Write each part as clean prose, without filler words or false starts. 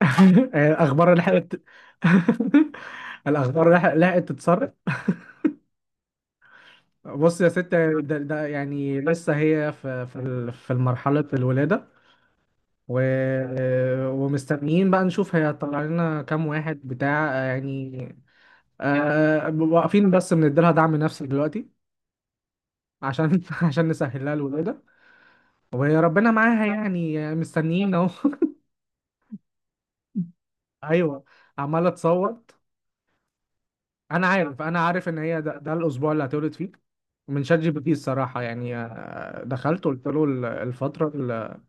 الاخبار لحقت الاخبار لحق- لحقت تتسرب. بص يا ست، ده يعني لسه هي في مرحله الولاده و... ومستنيين بقى نشوف هيطلع لنا كام واحد بتاع يعني. واقفين بس بنديلها دعم نفسي دلوقتي عشان عشان نسهل لها الولاده، وربنا معاها يعني مستنيين اهو. ايوه، عماله تصور. انا عارف ان هي ده الاسبوع اللي هتولد فيه. من شات جي بي تي الصراحه يعني، دخلت قلت له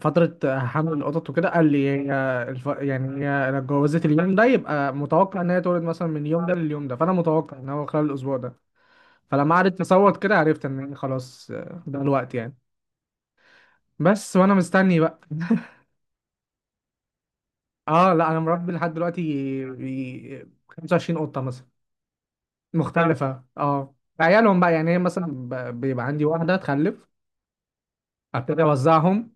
فتره حمل القطط وكده، قال لي هي يعني هي لو اتجوزت اليوم ده يبقى متوقع ان هي تولد مثلا من اليوم ده لليوم ده، فانا متوقع ان هو خلال الاسبوع ده. فلما قعدت تصوت كده عرفت ان هي خلاص، ده الوقت يعني. بس وانا مستني بقى. اه لا، انا مربي لحد دلوقتي 25 قطه مثلا مختلفة. اه عيالهم بقى يعني هي مثلا بيبقى عندي واحدة تخلف ابتدي اوزعهم.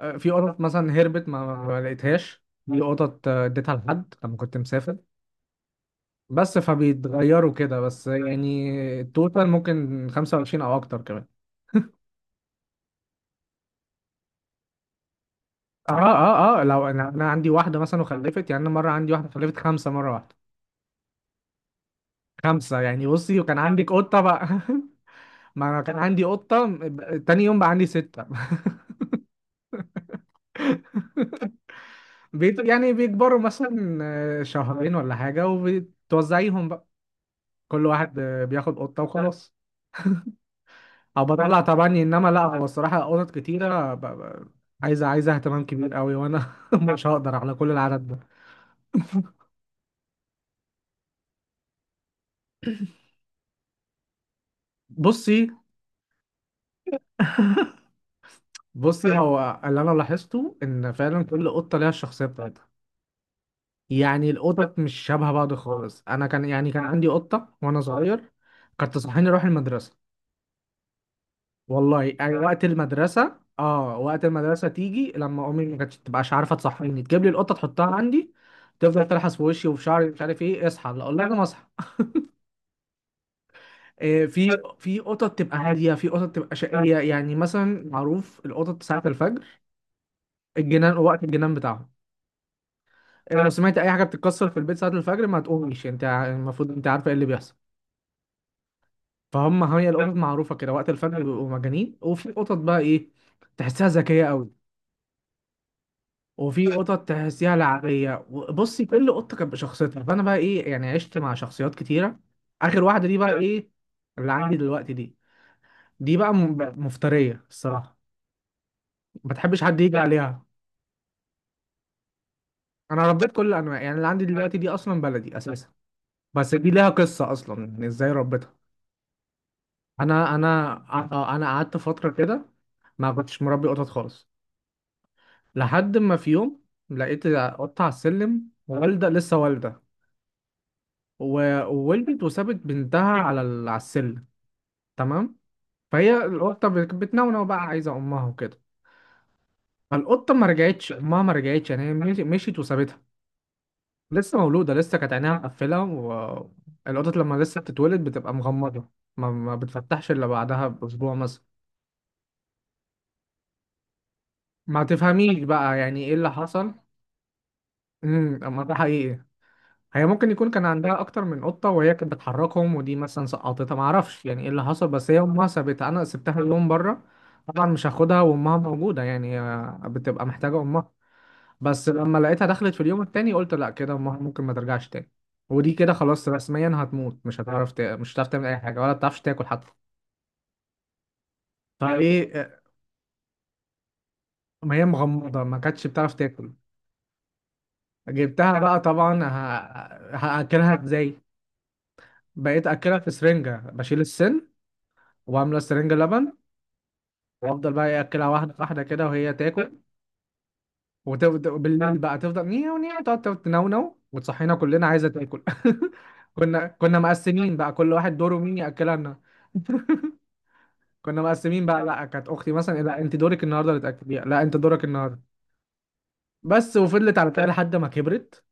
في قطط مثلا هربت ما لقيتهاش، في قطط اديتها لحد لما كنت مسافر، بس فبيتغيروا كده. بس يعني التوتال ممكن 25 او اكتر كمان. اه لو انا عندي واحدة مثلا وخلفت، يعني انا مرة عندي واحدة خلفت خمسة مرة واحدة. خمسة يعني، بصي وكان عندك قطة بقى. ما انا كان عندي قطة، تاني يوم بقى عندي ستة. بيت يعني بيكبروا مثلا شهرين ولا حاجة وبتوزعيهم بقى. كل واحد بياخد قطة وخلاص. أو بطلع طبعا، إنما لا هو الصراحة قطط كتيرة عايزة اهتمام كبير قوي، وأنا مش هقدر على كل العدد ده. بصي بصي هو اللي أنا لاحظته إن فعلا كل قطة ليها الشخصية بتاعتها. يعني القطط مش شبه بعض خالص. أنا كان يعني كان عندي قطة وأنا صغير، كانت تصحيني أروح المدرسة. والله يعني وقت المدرسة، اه وقت المدرسة تيجي لما امي ما كانتش تبقاش عارفة تصحيني تجيب لي القطة تحطها عندي، تفضل تلحس في وشي وفي شعري مش عارف ايه، اصحى لا اقول لها انا مصحى. آه في في قطط تبقى هادية، في قطط تبقى شقية. يعني مثلا معروف القطط ساعة الفجر الجنان، وقت الجنان بتاعهم. لو سمعت اي حاجة بتتكسر في البيت ساعة الفجر ما تقوميش، انت المفروض انت عارفة ايه اللي بيحصل. فهم هي القطط معروفة كده وقت الفجر بيبقوا مجانين. وفي قطط بقى ايه، تحسها ذكية قوي، وفي قطط تحسيها لعبيه. بصي كل قطه كانت بشخصيتها، فانا بقى ايه يعني عشت مع شخصيات كتيره. اخر واحده دي بقى ايه، اللي عندي دلوقتي دي، دي بقى مفتريه الصراحه، ما تحبش حد يجي عليها. انا ربيت كل الانواع، يعني اللي عندي دلوقتي دي اصلا بلدي اساسا، بس دي ليها قصه اصلا إن ازاي ربيتها. انا انا انا قعدت فتره كده ما كنتش مربي قطط خالص، لحد ما في يوم لقيت قطه على السلم والده، لسه والده. وولدت وسابت بنتها على على السلم، تمام؟ فهي القطه بتنونو بقى عايزه امها وكده. فالقطه ما رجعتش، امها ما رجعتش، يعني هي مشيت وسابتها. لسه مولوده، لسه كانت عينيها مقفله، والقطط لما لسه بتتولد بتبقى مغمضه، ما بتفتحش الا بعدها باسبوع مثلا. ما تفهميش بقى يعني ايه اللي حصل. امم، اما ده حقيقي. هي ممكن يكون كان عندها اكتر من قطه وهي كانت بتحركهم، ودي مثلا سقطتها، ما اعرفش يعني ايه اللي حصل، بس هي امها سابتها. انا سبتها اليوم بره، طبعا مش هاخدها وامها موجوده، يعني هي بتبقى محتاجه امها. بس لما لقيتها دخلت في اليوم التاني، قلت لا كده ممكن ما ترجعش تاني، ودي كده خلاص رسميا هتموت، مش هتعرف مش هتعرف تعمل اي حاجه، ولا بتعرفش تاكل حتى. فايه آه، ما هي مغمضه ما كانتش بتعرف تاكل. جبتها بقى طبعا، هاكلها ازاي؟ بقيت اكلها في سرنجه بشيل السن وعامله سرنجه لبن، وافضل بقى إيه اكلها واحده واحده كده وهي تاكل. وبالليل بقى تفضل نيو نيو، تقعد تقعد تنونو وتصحينا كلنا عايزه تاكل. كنا مقسمين بقى كل واحد دوره مين ياكلها لنا. كنا مقسمين بقى، لا كانت اختي مثلا إيه، لا انت دورك النهارده اللي تاكليها، لا انت دورك النهارده. بس، وفضلت على كده لحد ما كبرت.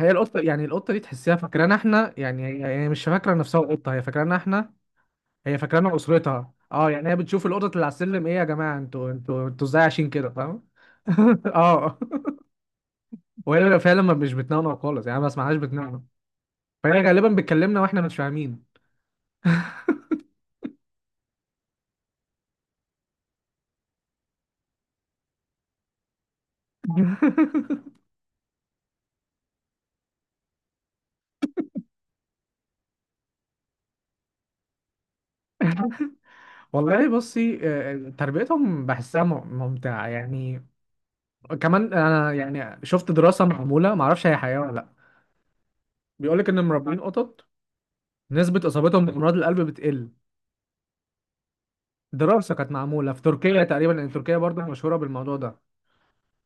هي القطه يعني القطه دي تحسيها فاكرانا احنا، يعني هي هي مش فاكره نفسها قطه، هي فاكرانا احنا، هي فاكرانا اسرتها. اه يعني هي بتشوف القطط اللي على السلم، ايه يا جماعه انتوا انتوا انتوا ازاي عايشين كده، فاهم؟ اه. وهي بيبقى فعلا مش بتنونو خالص، يعني ما بسمعهاش بتنونو، فهي غالبا بتكلمنا واحنا مش فاهمين. والله بصي، تربيتهم بحسها ممتعة يعني. كمان انا يعني شفت دراسة معمولة ما اعرفش هي حقيقة ولا لا، بيقول لك ان مربين قطط نسبة اصابتهم بامراض القلب بتقل. دراسة كانت معمولة في تركيا تقريبا، لان تركيا برضه مشهورة بالموضوع ده،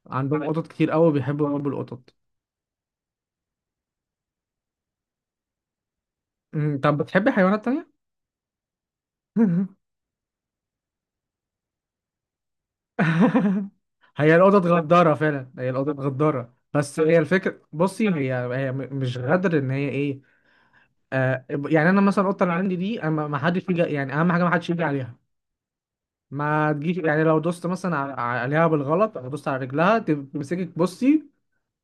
عندهم قطط كتير قوي بيحبوا يربوا القطط. أمم، طب بتحبي حيوانات تانية؟ هي الأوضة اتغدارة فعلا، هي الأوضة اتغدارة، بس هي الفكرة بصي هي هي مش غدر، إن هي إيه، آه يعني أنا مثلا القطة اللي عندي دي أنا، ما حدش يجي يعني، أهم حاجة ما حدش يجي عليها. ما تجيش يعني لو دوست مثلا عليها بالغلط أو دوست على رجلها تمسكك بصي،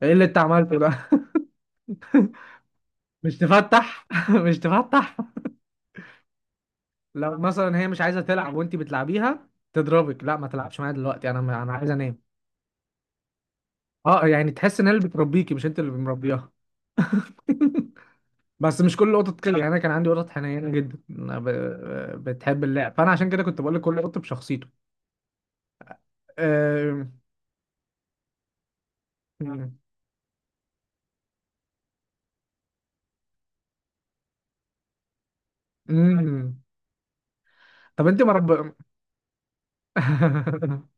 إيه اللي أنت عملته ده. مش تفتح، مش تفتح. لو مثلا هي مش عايزة تلعب وأنت بتلعبيها تضربك، لا ما تلعبش معايا دلوقتي أنا عايز أنام. أه يعني تحس إن هي اللي بتربيكي مش أنت اللي مربيها. بس مش كل القطط كده، يعني انا كان عندي قطط حنينه جدا أنا بتحب اللعب، فانا عشان كده كنت بقول لك كل قط بشخصيته. أم... أم... طب انت مرب.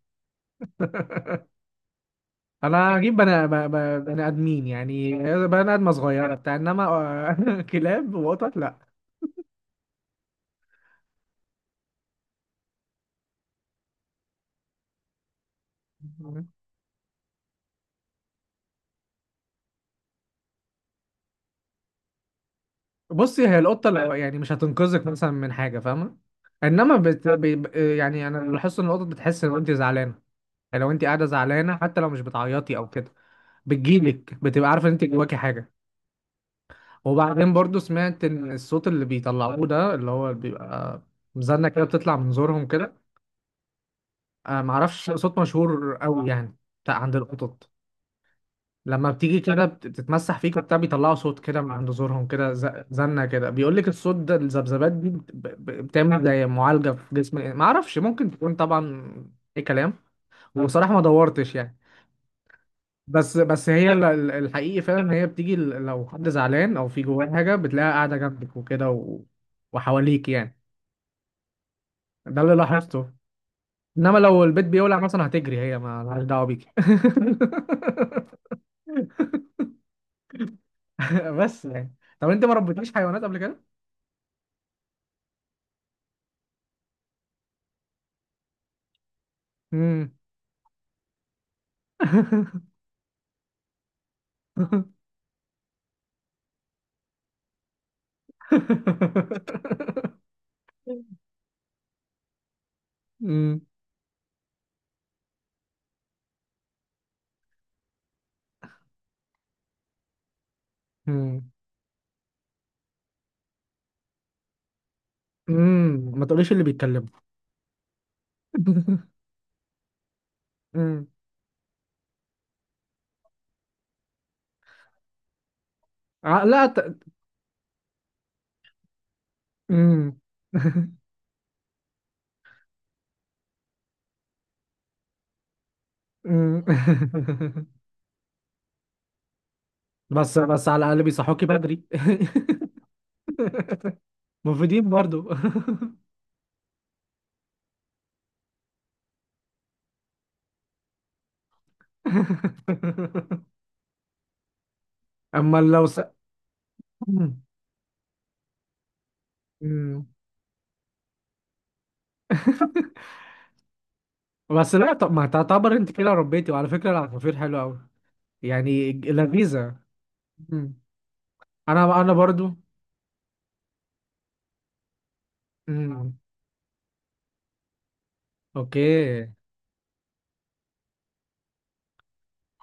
انا هجيب بني بني ادمين يعني، بني ادمه صغيره بتاع، انما كلاب وقطط لا. بصي هي القطه يعني مش هتنقذك مثلا من حاجه، فاهمه؟ انما يعني انا لاحظت ان القطط بتحس لو انت زعلانه، يعني لو انت قاعده زعلانه حتى لو مش بتعيطي او كده بتجيلك، بتبقى عارفه ان انت جواكي حاجه. وبعدين برضو سمعت ان الصوت اللي بيطلعوه ده اللي هو بيبقى مزنه كده، بتطلع من زورهم كده، معرفش، صوت مشهور قوي يعني بتاع عند القطط لما بتيجي كده بتتمسح فيك وبتاع بيطلعوا صوت كده من عند زورهم كده، زنه كده، بيقول لك الصوت ده الذبذبات دي بتعمل زي معالجه في جسم. معرفش ممكن تكون طبعا اي كلام وبصراحه ما دورتش يعني. بس هي الحقيقي فعلا إن هي بتيجي لو حد زعلان او في جواه حاجه بتلاقيها قاعده جنبك وكده وحواليك يعني، ده اللي لاحظته. انما لو البيت بيولع مثلا هتجري هي، ما لهاش دعوه بيك. بس يعني طب انت ما ربيتيش حيوانات قبل كده؟ امم امم امم أمم. ما تقوليش اللي بيتكلموا. امم. آه، لا ت... امم. امم. بس بس على الاقل بيصحوكي بدري. مفيدين برضو. اما لو مم. بس لا، طب ما تعتبر انت كده ربيتي، وعلى فكره العصافير حلوه قوي يعني، لذيذه. مم. انا برضو. مم. اوكي،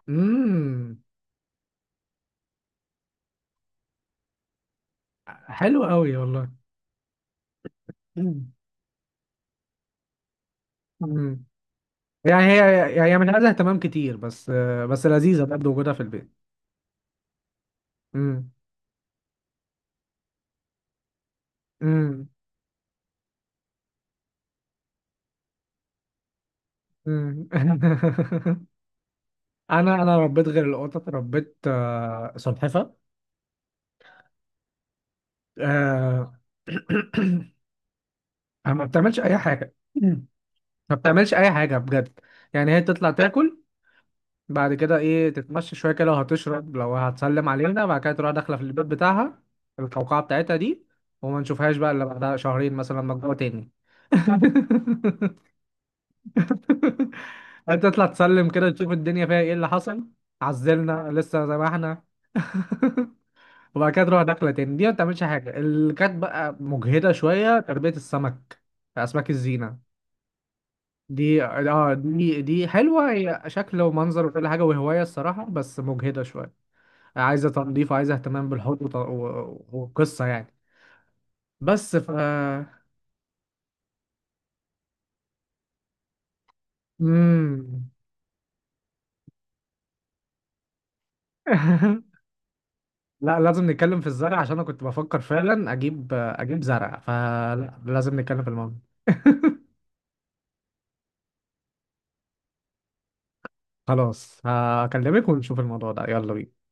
امم، حلو قوي والله. مم. مم. يعني هي هي هي من عايزه اهتمام كتير، بس بس لذيذه برضه وجودها في البيت. امم. امم. انا ربيت غير القطط ربيت سلحفه، آه، ما بتعملش اي حاجه، ما بتعملش اي حاجه بجد. يعني هي تطلع تاكل، بعد كده ايه تتمشى شويه كده، لو هتشرب لو هتسلم علينا، بعد كده تروح داخله في البيت بتاعها، القوقعه بتاعتها دي، وما نشوفهاش بقى الا بعدها شهرين مثلا لما تجوع تاني. انت تطلع تسلم كده تشوف الدنيا فيها ايه اللي حصل، عزلنا لسه زي ما احنا. وبعد كده تروح داخله تاني. دي ما بتعملش حاجه. اللي كانت بقى مجهده شويه تربيه السمك، اسماك الزينه، دي اه دي دي حلوه هي شكل ومنظر وكل حاجه وهوايه الصراحه، بس مجهده شويه، عايزه تنظيف وعايزه اهتمام بالحوض وقصه يعني. بس ف مم. لا لازم نتكلم في الزرع عشان انا كنت بفكر فعلا اجيب زرع، فلا لازم نتكلم في الموضوع. خلاص هكلمك ونشوف الموضوع ده، يلا بينا.